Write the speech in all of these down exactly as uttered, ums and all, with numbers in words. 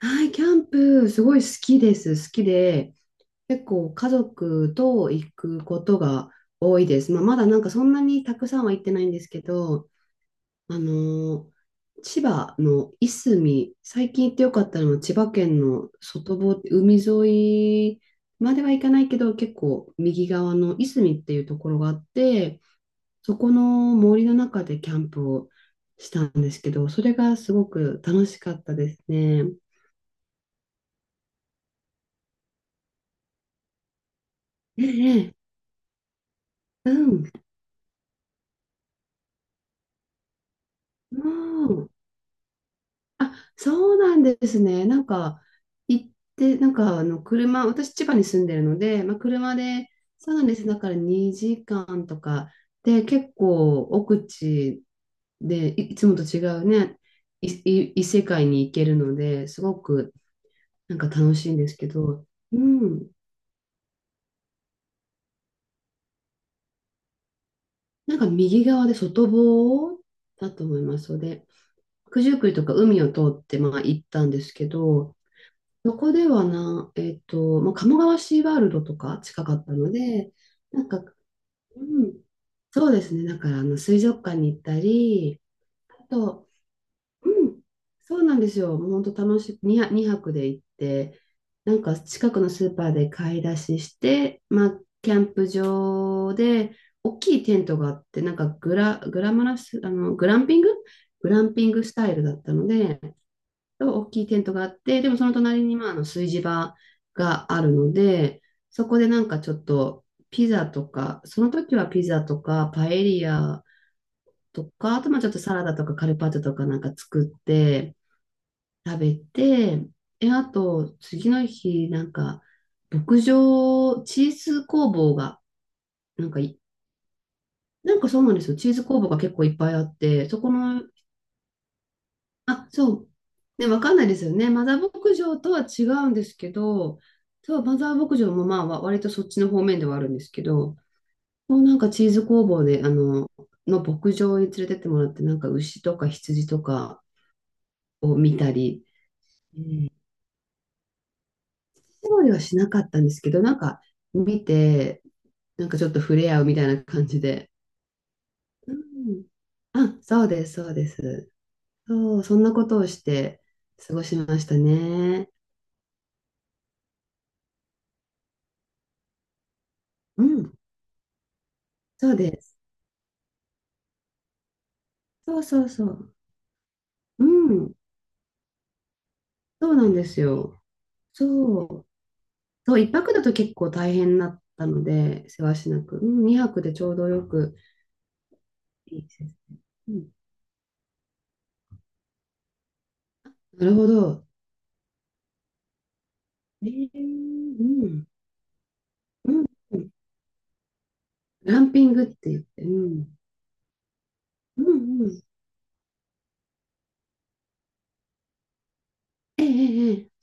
はい、キャンプ、すごい好きです。好きで、結構家族と行くことが多いです。まあ、まだなんかそんなにたくさんは行ってないんですけど、あのー千葉のいすみ、最近行ってよかったのは千葉県の外房、海沿いまでは行かないけど、結構右側のいすみっていうところがあって、そこの森の中でキャンプをしたんですけど、それがすごく楽しかったですね。ええ。うん。うん。あ、そうなんですね。なんか、行って、なんか、あの、車、私、千葉に住んでるので、まあ、車で、そうなんです。だからにじかんとか、で、結構、奥地で、い、いつもと違うね、い、い、異世界に行けるので、すごく、なんか楽しいんですけど、うん。なんか、右側で外房だと思いますので、くじゅうくりとか海を通って、まあ、行ったんですけど、そこではな、えっと、まあ、鴨川シーワールドとか近かったので、なんか、うん、そうですね、だからあの水族館に行ったり、あと、うん、そうなんですよ、もう本当楽しく、にはく、泊で行って、なんか近くのスーパーで買い出しして、まあ、キャンプ場で、大きいテントがあって、なんかグラ、グラマラス、あの、グランピンググランピングスタイルだったので、と大きいテントがあって、でもその隣にまああの炊事場があるので、そこでなんかちょっとピザとか、その時はピザとかパエリアとか、あとまあちょっとサラダとかカルパッチョとかなんか作って食べて、え、あと次の日なんか牧場、チーズ工房がなんかいなんかそうなんですよ。チーズ工房が結構いっぱいあって、そこのあ、そう。ね、わかんないですよね。マザー牧場とは違うんですけど、そう、マザー牧場もまあ、わ割とそっちの方面ではあるんですけど、もうなんかチーズ工房で、あの、の牧場に連れてってもらって、なんか牛とか羊とかを見たり、料理はしなかったんですけど、なんか見て、なんかちょっと触れ合うみたいな感じで。うん。あ、そうです、そうです。そう、そんなことをして過ごしましたね。うん、そうです。そうそうそう。うん、そうなんですよ。そう、そう、いっぱくだと結構大変だったので、せわしなく。うん、にはくでちょうどよく。いいですね。うん、なるほど。えー、うん、うん、うん、グランピングって言って、うん、うん、うん。ええええええ、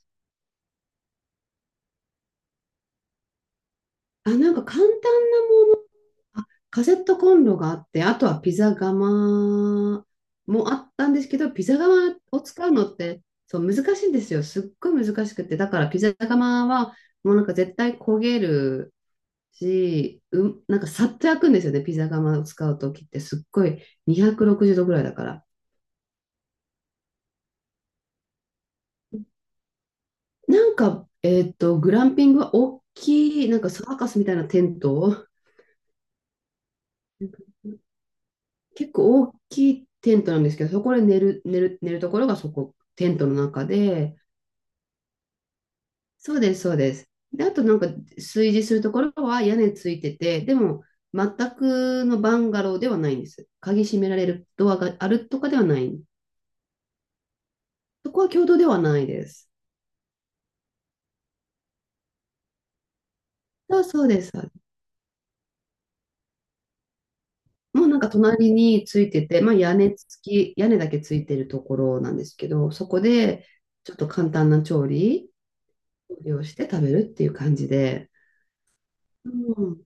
あ、なんか簡単、あ、カセットコンロがあって、あとはピザ窯もあったんですけど、ピザ窯を使うのってそう難しいんですよ。すっごい難しくて。だからピザ窯はもうなんか絶対焦げるし、うん、なんかさっと焼くんですよね。ピザ窯を使うときってすっごいにひゃくろくじゅうどぐらいだから。なんか、えっと、グランピングは大きい、なんかサーカスみたいなテント、結構大きいテントなんですけど、そこで寝る、寝る、寝るところがそこ、テントの中で、そうです、そうです。で、あとなんか、炊事するところは屋根ついてて、でも、全くのバンガローではないんです。鍵閉められるドアがあるとかではない。そこは共同ではないです。そうそうです。もうなんか隣についてて、まあ屋根付き、屋根だけついてるところなんですけど、そこでちょっと簡単な調理をして食べるっていう感じで、うん、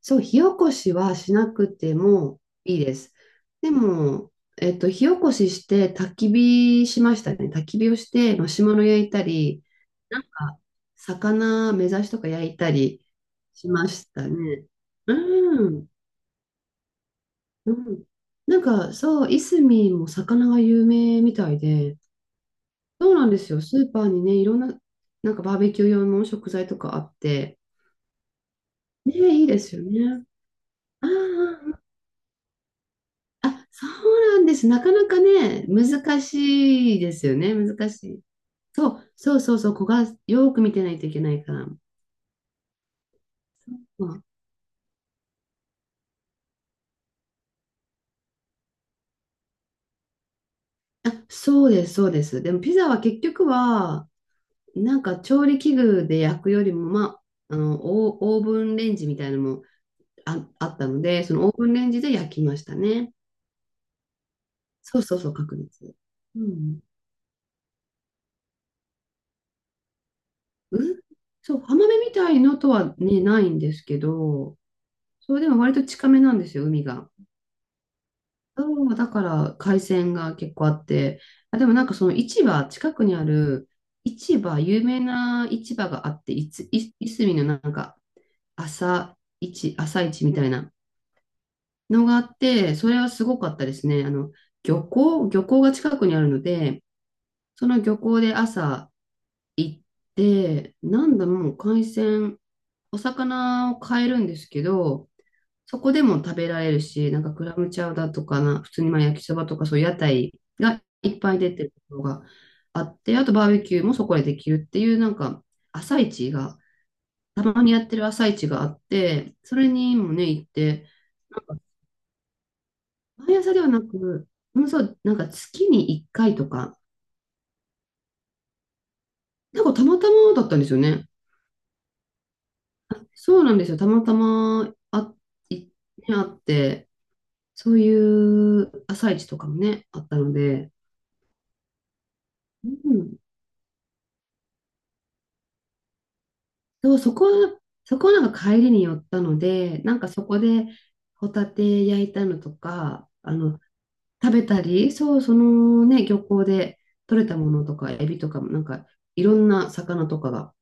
そう、火起こしはしなくてもいいです。でも、えっと、火起こしして焚き火しましたね。焚き火をしてマシュマロ焼いたり、なんか、魚目指しとか焼いたりしましたね。うん、うん。なんか、そう、いすみも魚が有名みたいで、そうなんですよ。スーパーにね、いろんな、なんかバーベキュー用の食材とかあって、ね、いいですよね。ああ、あ、そうなんです。なかなかね、難しいですよね。難しい。そう、そうそうそう、子がよく見てないといけないから。まあ、あ、そうです、そうです。でもピザは結局は、なんか調理器具で焼くよりも、まあ、あの、オー、オーブンレンジみたいなのもあ、あったので、そのオーブンレンジで焼きましたね。そうそうそう、確率。うん。うそう、浜辺みたいのとはね、ないんですけど、そう、でも割と近めなんですよ、海が。そう、だから海鮮が結構あって、あ、でもなんかその市場、近くにある市場、有名な市場があって、いつ、い、いすみのなんか朝市、朝市みたいなのがあって、それはすごかったですね。あの、漁港、漁港が近くにあるので、その漁港で朝行って、なんだもう海鮮、お魚を買えるんですけど、そこでも食べられるし、なんかクラムチャウダーとかな、普通にまあ焼きそばとかそういう屋台がいっぱい出てるところがあって、あとバーベキューもそこでできるっていう、なんか朝市が、たまにやってる朝市があって、それにもね、行って、なんか毎朝ではなく、うん、そう、なんか月にいっかいとか、なんかたまたまだったんですよね。そうなんですよ。たまたま、あ、いね、あって、そういう朝市とかもね、あったので、うん、そう、そこ、そこなんか帰りに寄ったので、なんかそこでホタテ焼いたのとか、あの、食べたり、そう、そのね、漁港で取れたものとか、エビとかも、なんかいろんな魚とかが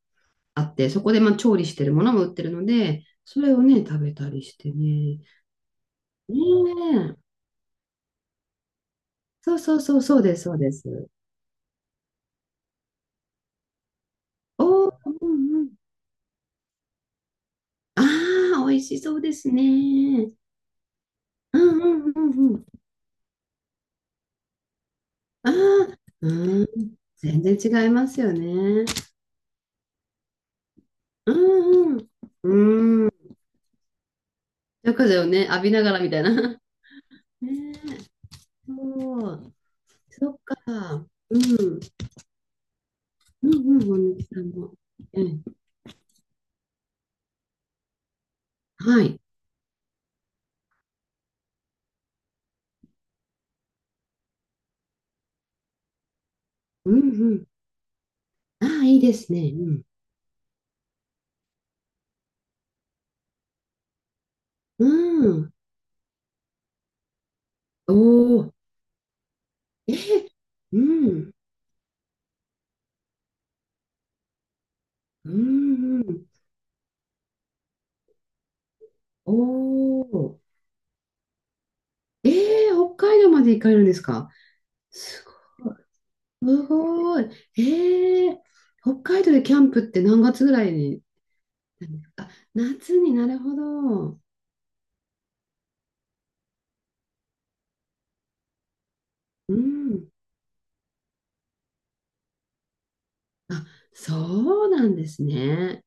あって、そこでまあ調理してるものも売ってるので、それをね、食べたりしてね。ねえ。そうそうそう、そうです、そうです。おお、うんうん。ああ、美味しそうですね。うんうんうんうん。ああ、う全然違いますよね。うんうん。うん。夜風をね、浴びながらみたいな。ねえ、そう。そっか。うん。うんうん、本抜さんも。うん。はい。うんうん。ああ、いいですね。うん。うん。おお。ええ。うん。うんうん。おお。ええ、北海道まで行かれるんですか？すごい。すごい。ええ、北海道でキャンプって何月ぐらいに、あ、夏に、なるほど。うん。あ、そうなんですね。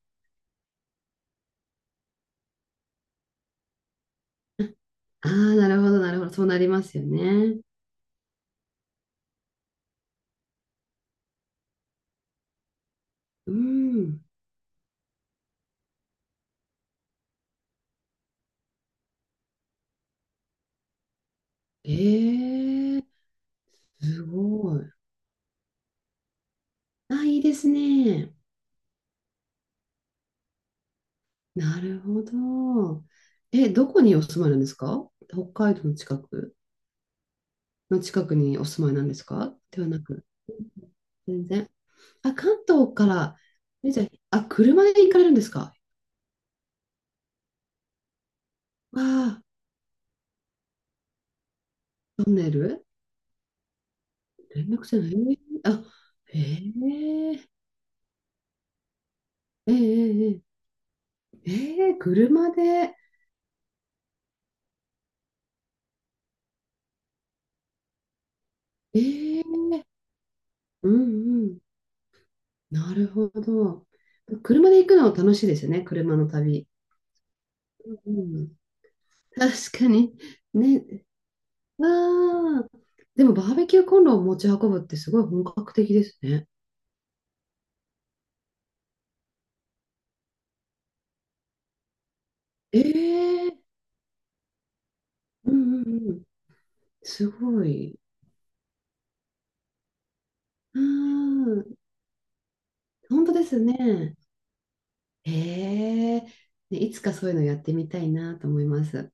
ああ、なるほど、なるほど。そうなりますよね。うん。ええ、すごい。あ、いいですね。なるほど。え、どこにお住まいなんですか？北海道の近く、の近くにお住まいなんですかではなく。うん、全然。あ、関東から、え、じゃあ、あ、車で行かれるんですか？わあ、トンネル、連絡船、へえ、あ、へえ、ええ、ええ、ええ車で、ええ、うんうん、なるほど。車で行くのは楽しいですよね、車の旅。うん、確かに。ね、ああ、でもバーベキューコンロを持ち運ぶってすごい本格的ですね。ええ、うんうんうん、すごい。うん、本当ですね。ええ、ね、いつかそういうのやってみたいなと思います。